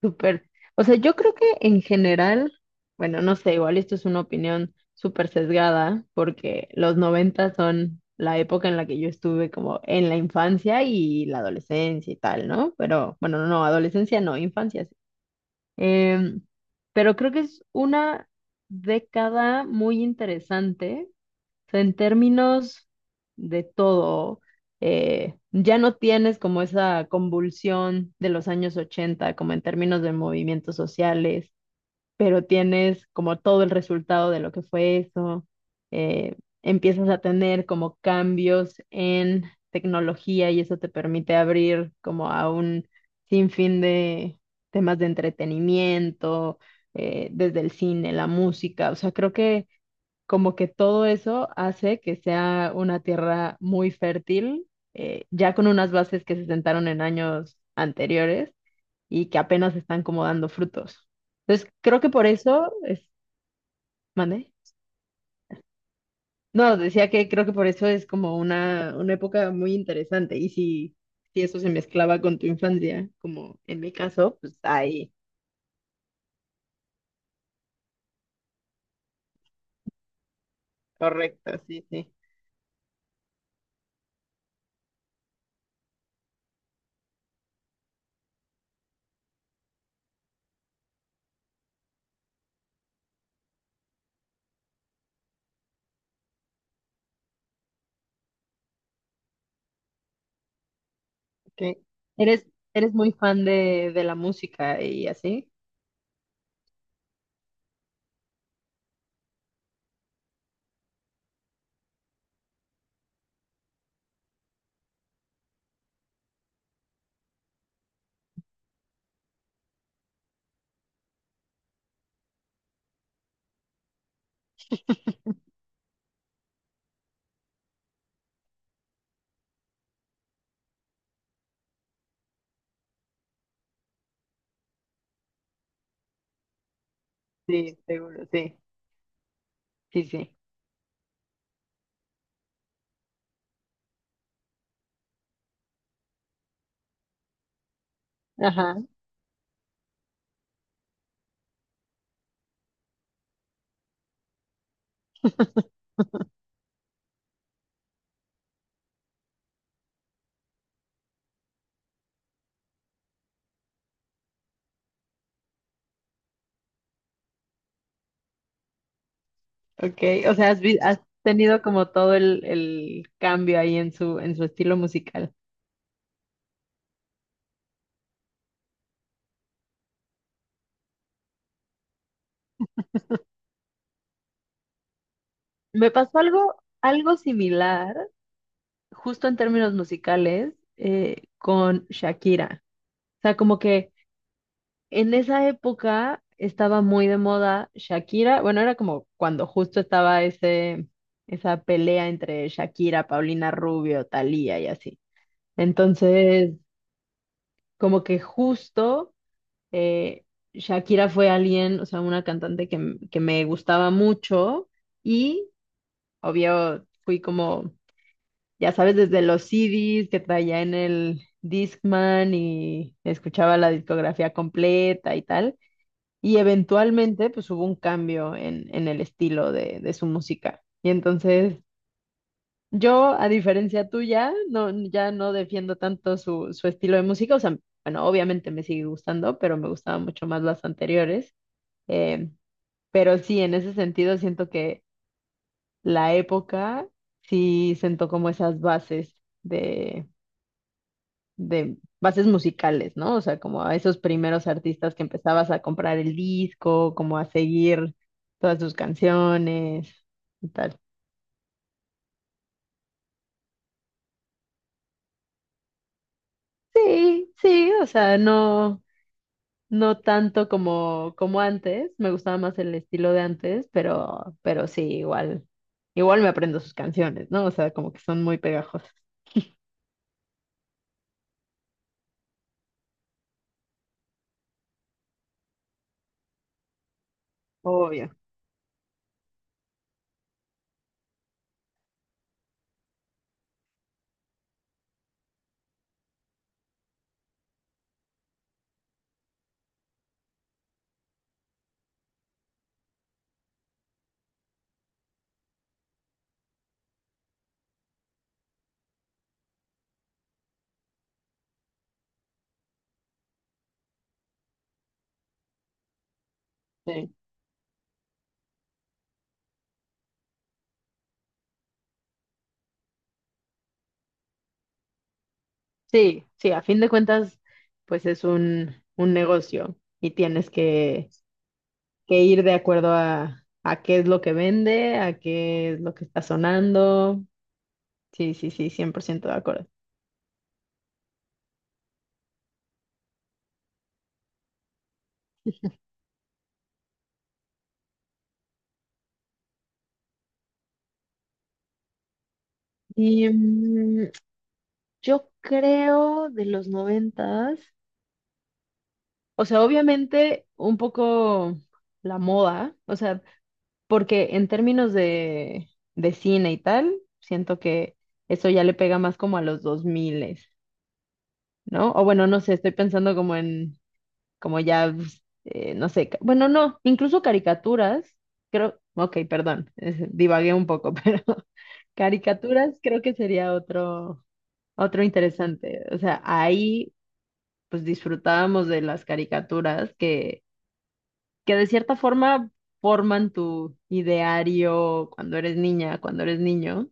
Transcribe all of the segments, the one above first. Súper. O sea, yo creo que en general, bueno, no sé, igual esto es una opinión súper sesgada, porque los 90 son la época en la que yo estuve como en la infancia y la adolescencia y tal, ¿no? Pero bueno, no, no, adolescencia no, infancia sí. Em, pero creo que es una década muy interesante sea, en términos de todo, ya no tienes como esa convulsión de los años 80 como en términos de movimientos sociales, pero tienes como todo el resultado de lo que fue eso. Eh, empiezas a tener como cambios en tecnología y eso te permite abrir como a un sinfín de temas de entretenimiento, desde el cine, la música, o sea, creo que como que todo eso hace que sea una tierra muy fértil, ya con unas bases que se sentaron en años anteriores y que apenas están como dando frutos. Entonces, creo que por eso es, ¿mande? No, decía que creo que por eso es como una época muy interesante. Y si eso se mezclaba con tu infancia, como en mi caso, pues ahí, correcto, sí, sí. Ok. ¿Eres, eres muy fan de la música y así? Sí, seguro, sí, sí, sí. Ajá, okay. O sea, has, has tenido como todo el cambio ahí en su estilo musical. Me pasó algo similar, justo en términos musicales, con Shakira. O sea, como que en esa época estaba muy de moda Shakira. Bueno, era como cuando justo estaba ese, esa pelea entre Shakira, Paulina Rubio, Thalía y así. Entonces, como que justo. eh, Shakira fue alguien, o sea, una cantante que, que me gustaba mucho y obvio fui como, ya sabes, desde los CDs que traía en el Discman y escuchaba la discografía completa y tal. Y eventualmente pues hubo un cambio en el estilo de su música. Y entonces yo, a diferencia tuya, no, ya no defiendo tanto su, su estilo de música, o sea, bueno, obviamente me sigue gustando, pero me gustaban mucho más las anteriores. Eh, pero sí, en ese sentido siento que la época sí sentó como esas bases de, de bases musicales, ¿no? O sea, como a esos primeros artistas que empezabas a comprar el disco, como a seguir todas sus canciones y tal. Sí, sí, o sea, no, no tanto como, como antes, me gustaba más el estilo de antes, pero sí, igual me aprendo sus canciones, ¿no? O sea, como que son muy pegajosas. Obvio. Sí. Sí, sí, a fin de cuentas, pues es un negocio y tienes que ir de acuerdo a qué es lo que vende, a qué es lo que está sonando. Sí, sí, sí, 100% de acuerdo. Y yo creo de los noventas, o sea, obviamente un poco la moda, o sea, porque en términos de cine y tal, siento que eso ya le pega más como a los 2000. ¿No? O bueno, no sé, estoy pensando como en, como ya, pues, no sé, bueno, no, incluso caricaturas, creo, ok, perdón, divagué un poco, pero caricaturas creo que sería otro interesante. O sea, ahí pues disfrutábamos de las caricaturas que de cierta forma forman tu ideario cuando eres niña, cuando eres niño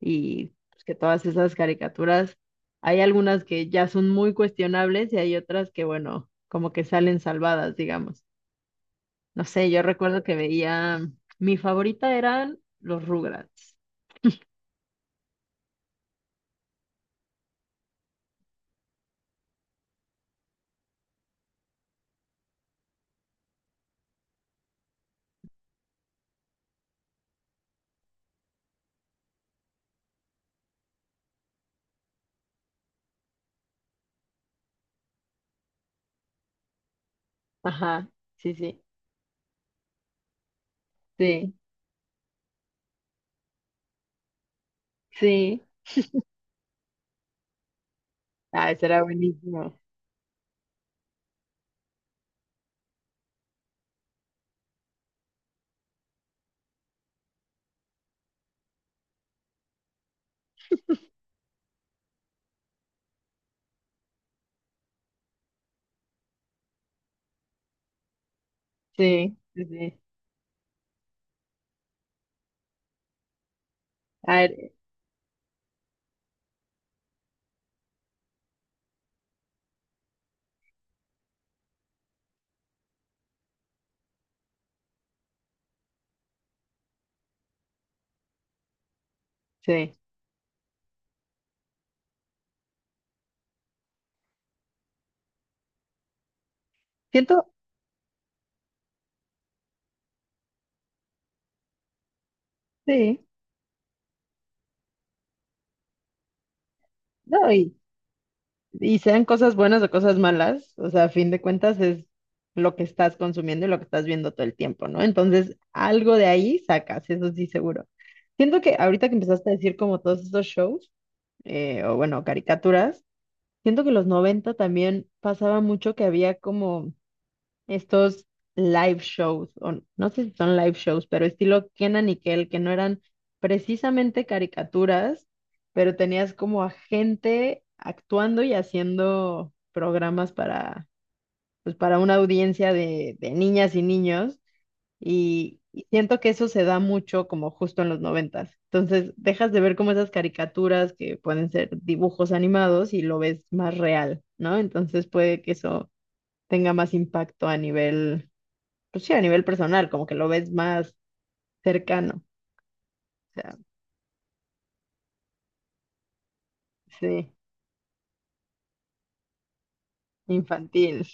y pues, que todas esas caricaturas, hay algunas que ya son muy cuestionables y hay otras que, bueno, como que salen salvadas, digamos. No sé, yo recuerdo que veía, mi favorita eran los Rugrats. Ajá, sí, sí, sí, sí. Ah, ese era buenísimo. Sí, sí, sí. A ver, sí. Siento, sí. No, y sean cosas buenas o cosas malas, o sea, a fin de cuentas es lo que estás consumiendo y lo que estás viendo todo el tiempo, ¿no? Entonces, algo de ahí sacas, eso sí seguro. Siento que ahorita que empezaste a decir como todos estos shows, o bueno, caricaturas, siento que los 90 también pasaba mucho que había como estos live shows, o no sé si son live shows, pero estilo Kenan y Kel, que no eran precisamente caricaturas, pero tenías como a gente actuando y haciendo programas para, pues para una audiencia de niñas y niños, y siento que eso se da mucho como justo en los noventas. Entonces, dejas de ver como esas caricaturas que pueden ser dibujos animados y lo ves más real, ¿no? Entonces puede que eso tenga más impacto a nivel pues sí, a nivel personal, como que lo ves más cercano, o sea, sí, infantil.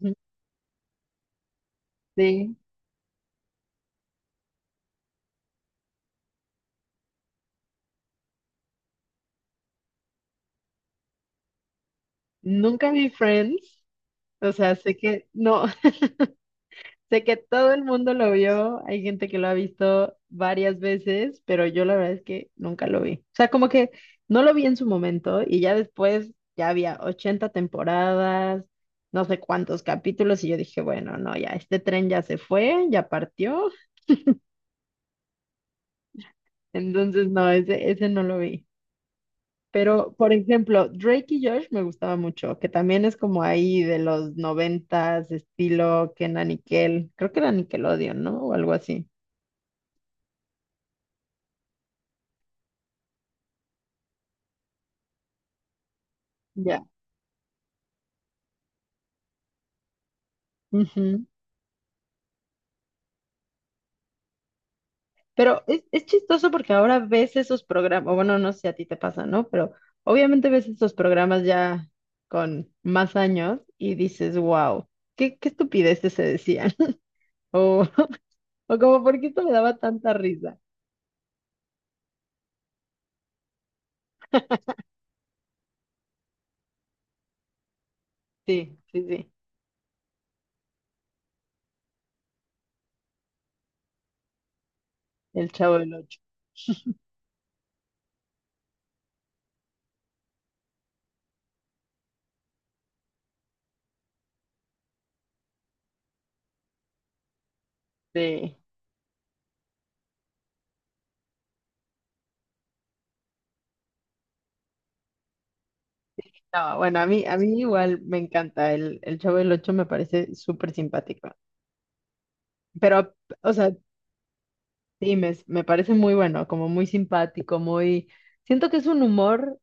Ujú. Sí, nunca vi Friends, o sea, sé que, no, sé que todo el mundo lo vio, hay gente que lo ha visto varias veces, pero yo la verdad es que nunca lo vi. O sea, como que no lo vi en su momento y ya después ya había 80 temporadas, no sé cuántos capítulos y yo dije, bueno, no, ya este tren ya se fue, ya partió, entonces no, ese no lo vi. Pero, por ejemplo, Drake y Josh me gustaba mucho, que también es como ahí de los noventas, estilo que era Nickel, creo que era Nickelodeon, ¿no? O algo así. Ya. Ujú. Pero es chistoso porque ahora ves esos programas, bueno, no sé si a ti te pasa, ¿no? Pero obviamente ves esos programas ya con más años y dices, wow, qué estupideces se decían. O, o como, ¿por qué esto me daba tanta risa? Sí, sí, sí. El Chavo del Ocho. Sí. No, bueno, a mí igual me encanta. El Chavo del Ocho me parece súper simpático. Pero, o sea, sí, me parece muy bueno, como muy simpático, muy. Siento que es un humor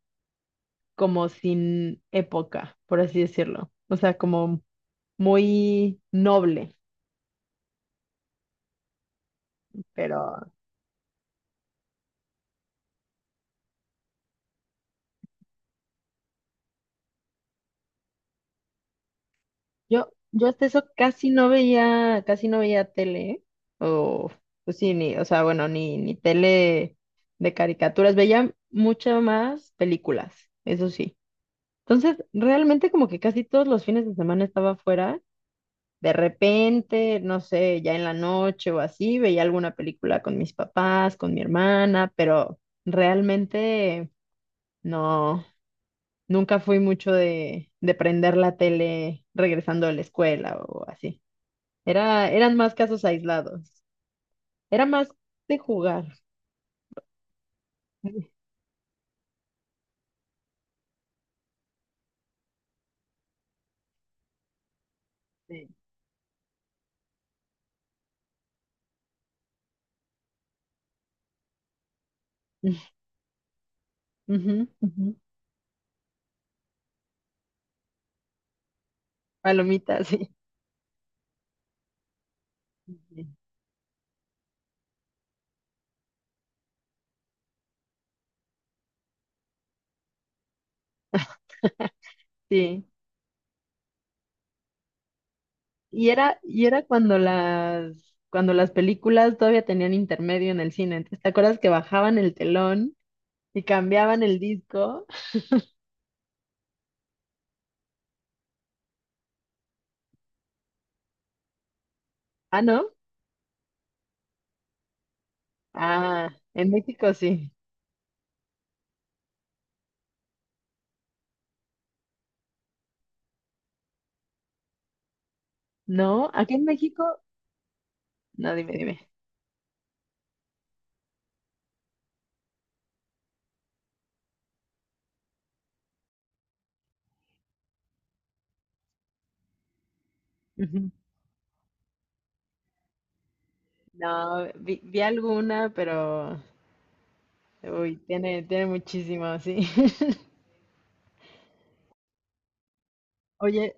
como sin época, por así decirlo. O sea, como muy noble. Pero yo hasta eso casi no veía tele, ¿eh? O, pues sí, ni, o sea, bueno, ni tele de caricaturas. Veía mucho más películas, eso sí. Entonces, realmente como que casi todos los fines de semana estaba afuera. De repente, no sé, ya en la noche o así, veía alguna película con mis papás, con mi hermana, pero realmente no, nunca fui mucho de prender la tele regresando de la escuela o así. Era, eran más casos aislados. Era más de jugar. Sí. Ujú, ujú. Palomitas, sí. Sí. Y era cuando las películas todavía tenían intermedio en el cine. Entonces, ¿te acuerdas que bajaban el telón y cambiaban el disco? Ah, ¿no? Ah, en México sí. No, aquí en México, no, dime, dime. Ujú. No, vi alguna, pero, uy, tiene muchísimo, sí. Oye,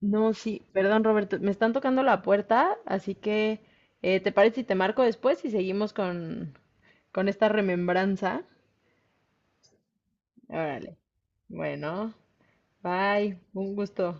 no, sí, perdón, Roberto, me están tocando la puerta, así que, ¿te parece si te marco después y seguimos con esta remembranza? Órale. Bueno, bye. Un gusto.